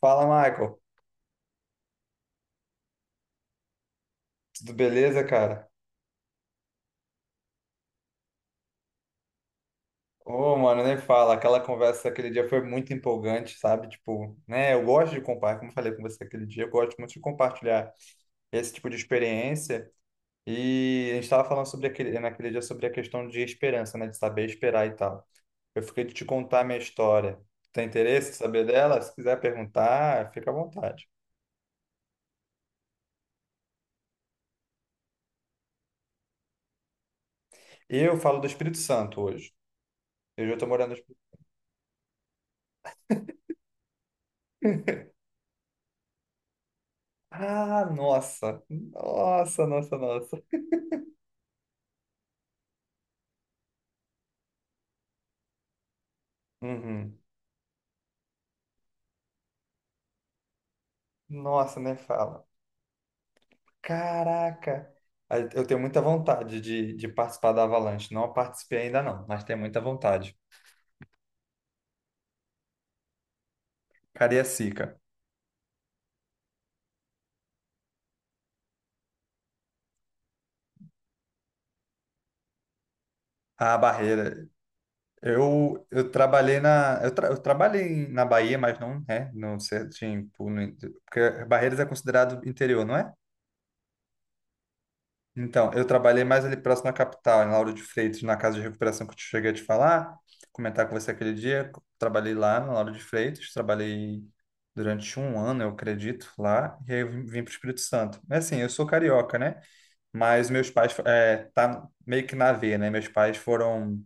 Fala, Michael. Tudo beleza, cara? Ô, mano, nem fala. Aquela conversa aquele dia foi muito empolgante, sabe? Tipo, né? Eu gosto de compartilhar, como eu falei com você aquele dia, eu gosto muito de compartilhar esse tipo de experiência. E a gente estava falando sobre naquele dia sobre a questão de esperança, né? De saber esperar e tal. Eu fiquei de te contar a minha história. Tem interesse em saber dela? Se quiser perguntar, fica à vontade. Eu falo do Espírito Santo hoje. Eu já estou morando no Espírito. Ah, nossa! Nossa, nossa, nossa. Uhum. Nossa, nem fala. Caraca! Eu tenho muita vontade de participar da Avalanche. Não participei ainda não, mas tenho muita vontade. Cariacica, a barreira. Eu trabalhei na Bahia, mas não é, não sei, tipo, no, porque Barreiras é considerado interior, não é? Então, eu trabalhei mais ali próximo à capital, em Lauro de Freitas, na casa de recuperação que eu te cheguei a te falar, comentar com você aquele dia. Trabalhei lá na Lauro de Freitas, trabalhei durante um ano, eu acredito, lá, e aí eu vim para o Espírito Santo. Mas assim, eu sou carioca, né? Mas meus pais, é, tá meio que na veia, né? Meus pais foram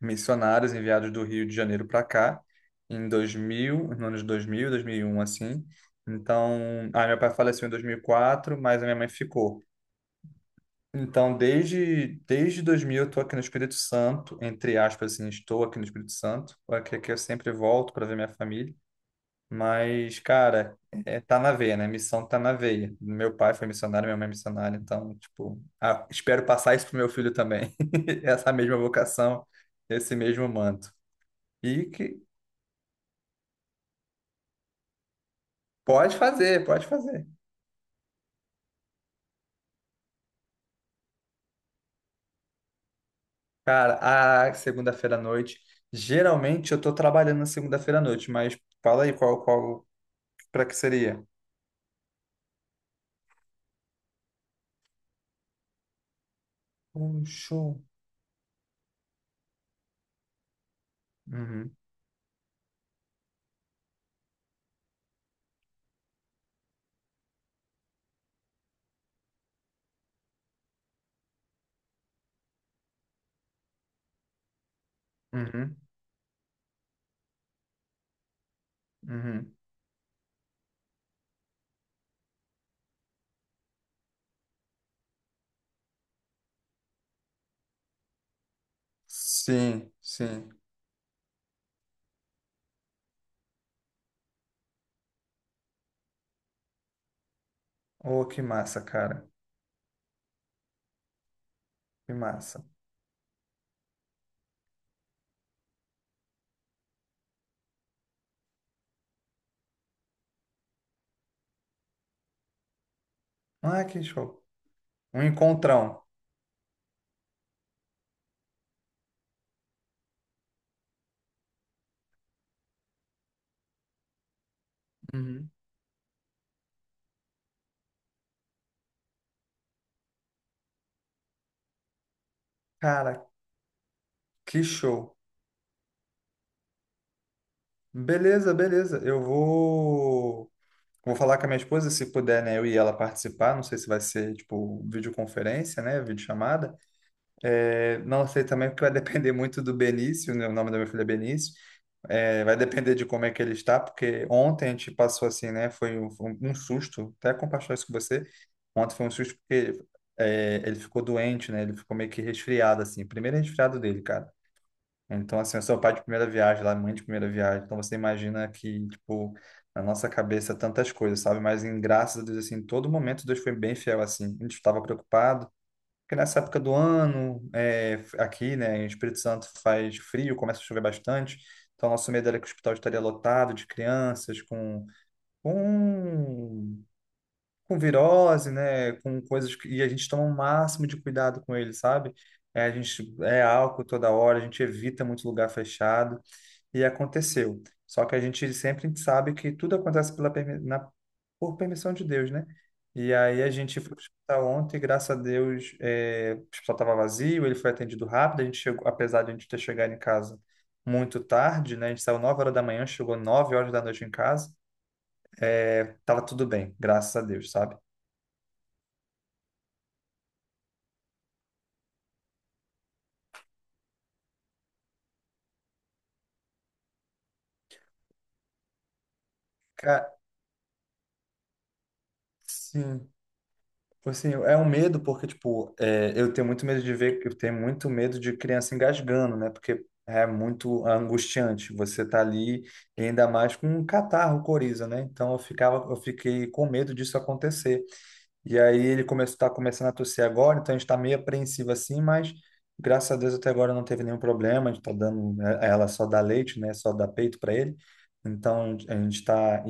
missionários enviados do Rio de Janeiro para cá, em 2000, nos anos 2000, 2001, assim. Então, meu pai faleceu em 2004, mas a minha mãe ficou. Então, desde 2000 eu estou aqui no Espírito Santo, entre aspas, assim, estou aqui no Espírito Santo, aqui que eu sempre volto para ver minha família. Mas, cara, é, tá na veia, né? Missão tá na veia. Meu pai foi missionário, minha mãe é missionária, então, tipo, espero passar isso pro meu filho também. Essa mesma vocação, esse mesmo manto. E que pode fazer, pode fazer. Cara, a segunda-feira à noite, geralmente eu tô trabalhando na segunda-feira à noite, mas fala aí qual, para que seria? Um show. Uhum, uhum, uhum. Sim, sim. Oh, que massa, cara. Que massa. Ah, que show. Um encontrão. Uhum. Cara, que show. Beleza, beleza. Eu vou. Vou falar com a minha esposa, se puder, né? Eu e ela participar. Não sei se vai ser, tipo, videoconferência, né? Videochamada. É, não sei também, porque vai depender muito do Benício, né? O nome da minha filha é Benício. É, vai depender de como é que ele está, porque ontem a gente passou assim, né? Foi um susto, até compartilhar isso com você. Ontem foi um susto porque ele ficou doente, né? Ele ficou meio que resfriado, assim. Primeiro resfriado dele, cara. Então, assim, eu sou pai de primeira viagem, lá, mãe de primeira viagem. Então, você imagina que, tipo, na nossa cabeça tantas coisas, sabe? Mas, em graças a Deus, assim, em todo momento, Deus foi bem fiel, assim. A gente estava preocupado porque nessa época do ano, aqui, né, em Espírito Santo faz frio, começa a chover bastante. Então, nosso medo era que o hospital estaria lotado de crianças com, com virose, né, com coisas e a gente toma o máximo de cuidado com eles, sabe? É, a gente é álcool toda hora, a gente evita muito lugar fechado e aconteceu. Só que a gente sempre sabe que tudo acontece por permissão de Deus, né? E aí a gente foi pro hospital ontem, graças a Deus, o hospital estava vazio, ele foi atendido rápido, a gente chegou, apesar de a gente ter chegado em casa muito tarde, né? A gente saiu 9 horas da manhã, chegou 9 horas da noite em casa, tava tudo bem, graças a Deus, sabe? Cara, sim. Tipo assim, é um medo porque, tipo, eu tenho muito medo de criança engasgando, né? Porque é muito angustiante. Você tá ali, e ainda mais com um catarro, um coriza, né? Então eu ficava, eu fiquei com medo disso acontecer. E aí ele começou, tá começando a tossir agora, então a gente tá meio apreensivo assim, mas graças a Deus até agora não teve nenhum problema. A gente tá dando, né, ela só dá leite, né? Só dá peito para ele. Então a gente tá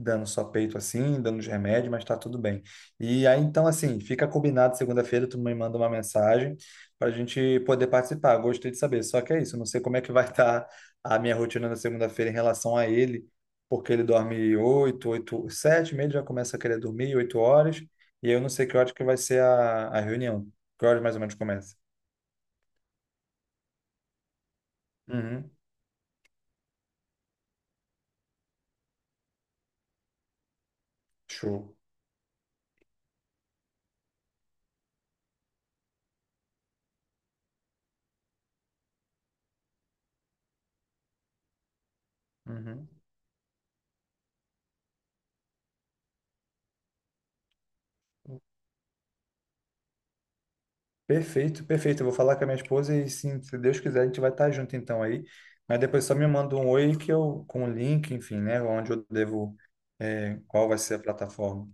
dando só peito assim, dando os remédios, mas tá tudo bem. E aí, então, assim, fica combinado segunda-feira, tu me manda uma mensagem para a gente poder participar. Gostei de saber. Só que é isso, não sei como é que vai estar a minha rotina na segunda-feira em relação a ele, porque ele dorme oito, oito, sete, meio, ele já começa a querer dormir, 8 horas, e eu não sei que hora que vai ser a reunião. Que horas mais ou menos começa? Uhum, show. Uhum. Perfeito, perfeito. Eu vou falar com a minha esposa e sim, se Deus quiser, a gente vai estar junto então aí. Mas depois só me manda um oi que eu, com o link, enfim, né? Onde eu devo, é, qual vai ser a plataforma.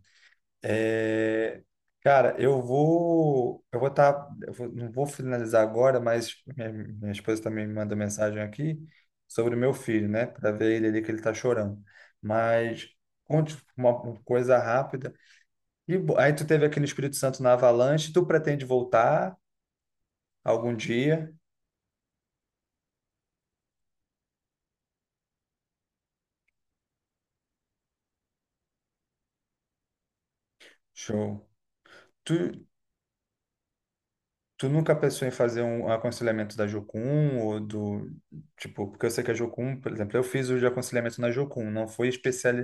É, cara, eu vou estar, eu vou- não vou finalizar agora, mas minha esposa também me mandou mensagem aqui sobre o meu filho, né? Para ver ele ali que ele tá chorando. Mas conte uma coisa rápida. Aí tu teve aqui no Espírito Santo na Avalanche, tu pretende voltar? Algum dia, show. Tu, tu nunca pensou em fazer um aconselhamento da Jocum ou do, tipo, porque eu sei que a Jocum, por exemplo, eu fiz o de aconselhamento na Jocum, não foi especial,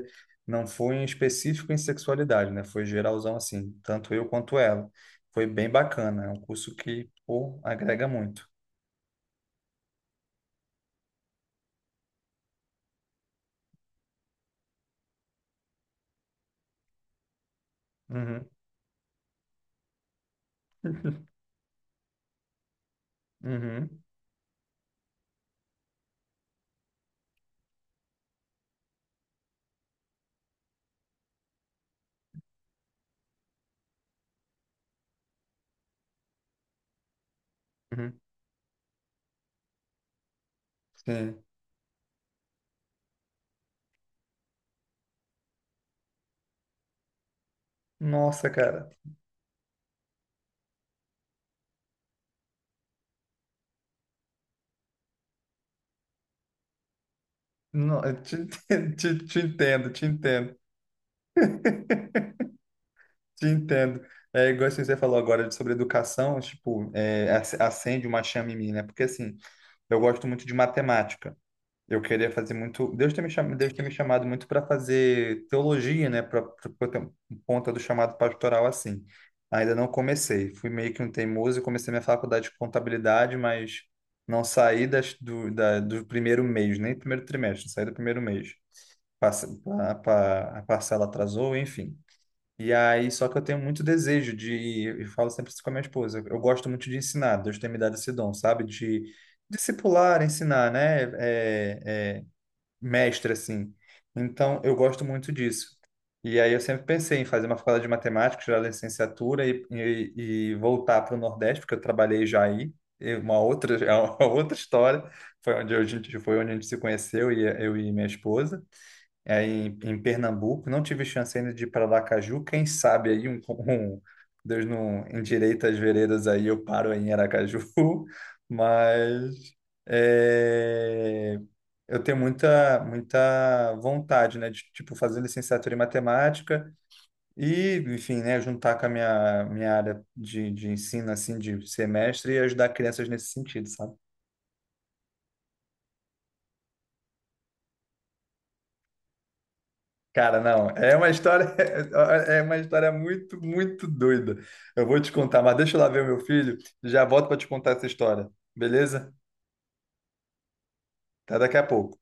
não foi em específico em sexualidade, né? Foi geralzão assim, tanto eu quanto ela. Foi bem bacana, é um curso que, pô, agrega muito. Uhum. Uhum, uhum. Sim. Nossa, cara. Eu te, te entendo, te entendo. Te entendo. É igual assim, você falou agora sobre educação, tipo, acende uma chama em mim, né? Porque assim, eu gosto muito de matemática. Eu queria fazer muito. Deus tem me chamado, Deus tem me chamado muito para fazer teologia, né? Para conta do chamado pastoral assim. Ainda não comecei. Fui meio que um teimoso e comecei minha faculdade de contabilidade, mas não saí do primeiro mês, nem primeiro trimestre, saí do primeiro mês. Passa- a parcela atrasou, enfim. E aí, só que eu tenho muito desejo de, eu falo sempre isso com a minha esposa, eu gosto muito de ensinar, Deus tem me dado esse dom, sabe? De discipular, ensinar, né? É, mestre, assim. Então, eu gosto muito disso. E aí, eu sempre pensei em fazer uma faculdade de matemática, tirar a licenciatura e voltar para o Nordeste, porque eu trabalhei já aí, é uma outra, é uma outra história, foi onde a gente, foi onde a gente se conheceu, e eu e minha esposa em Pernambuco. Não tive chance ainda de ir para Aracaju. Quem sabe aí um, um- Deus não endireita as veredas aí, eu paro aí em Aracaju. Mas é, eu tenho muita muita vontade, né, de tipo fazer licenciatura em matemática e, enfim, né, juntar com a minha área de ensino assim de semestre e ajudar crianças nesse sentido, sabe? Cara, não, é uma história, é uma história muito, muito doida. Eu vou te contar, mas deixa eu lá ver o meu filho, já volto para te contar essa história, beleza? Até daqui a pouco.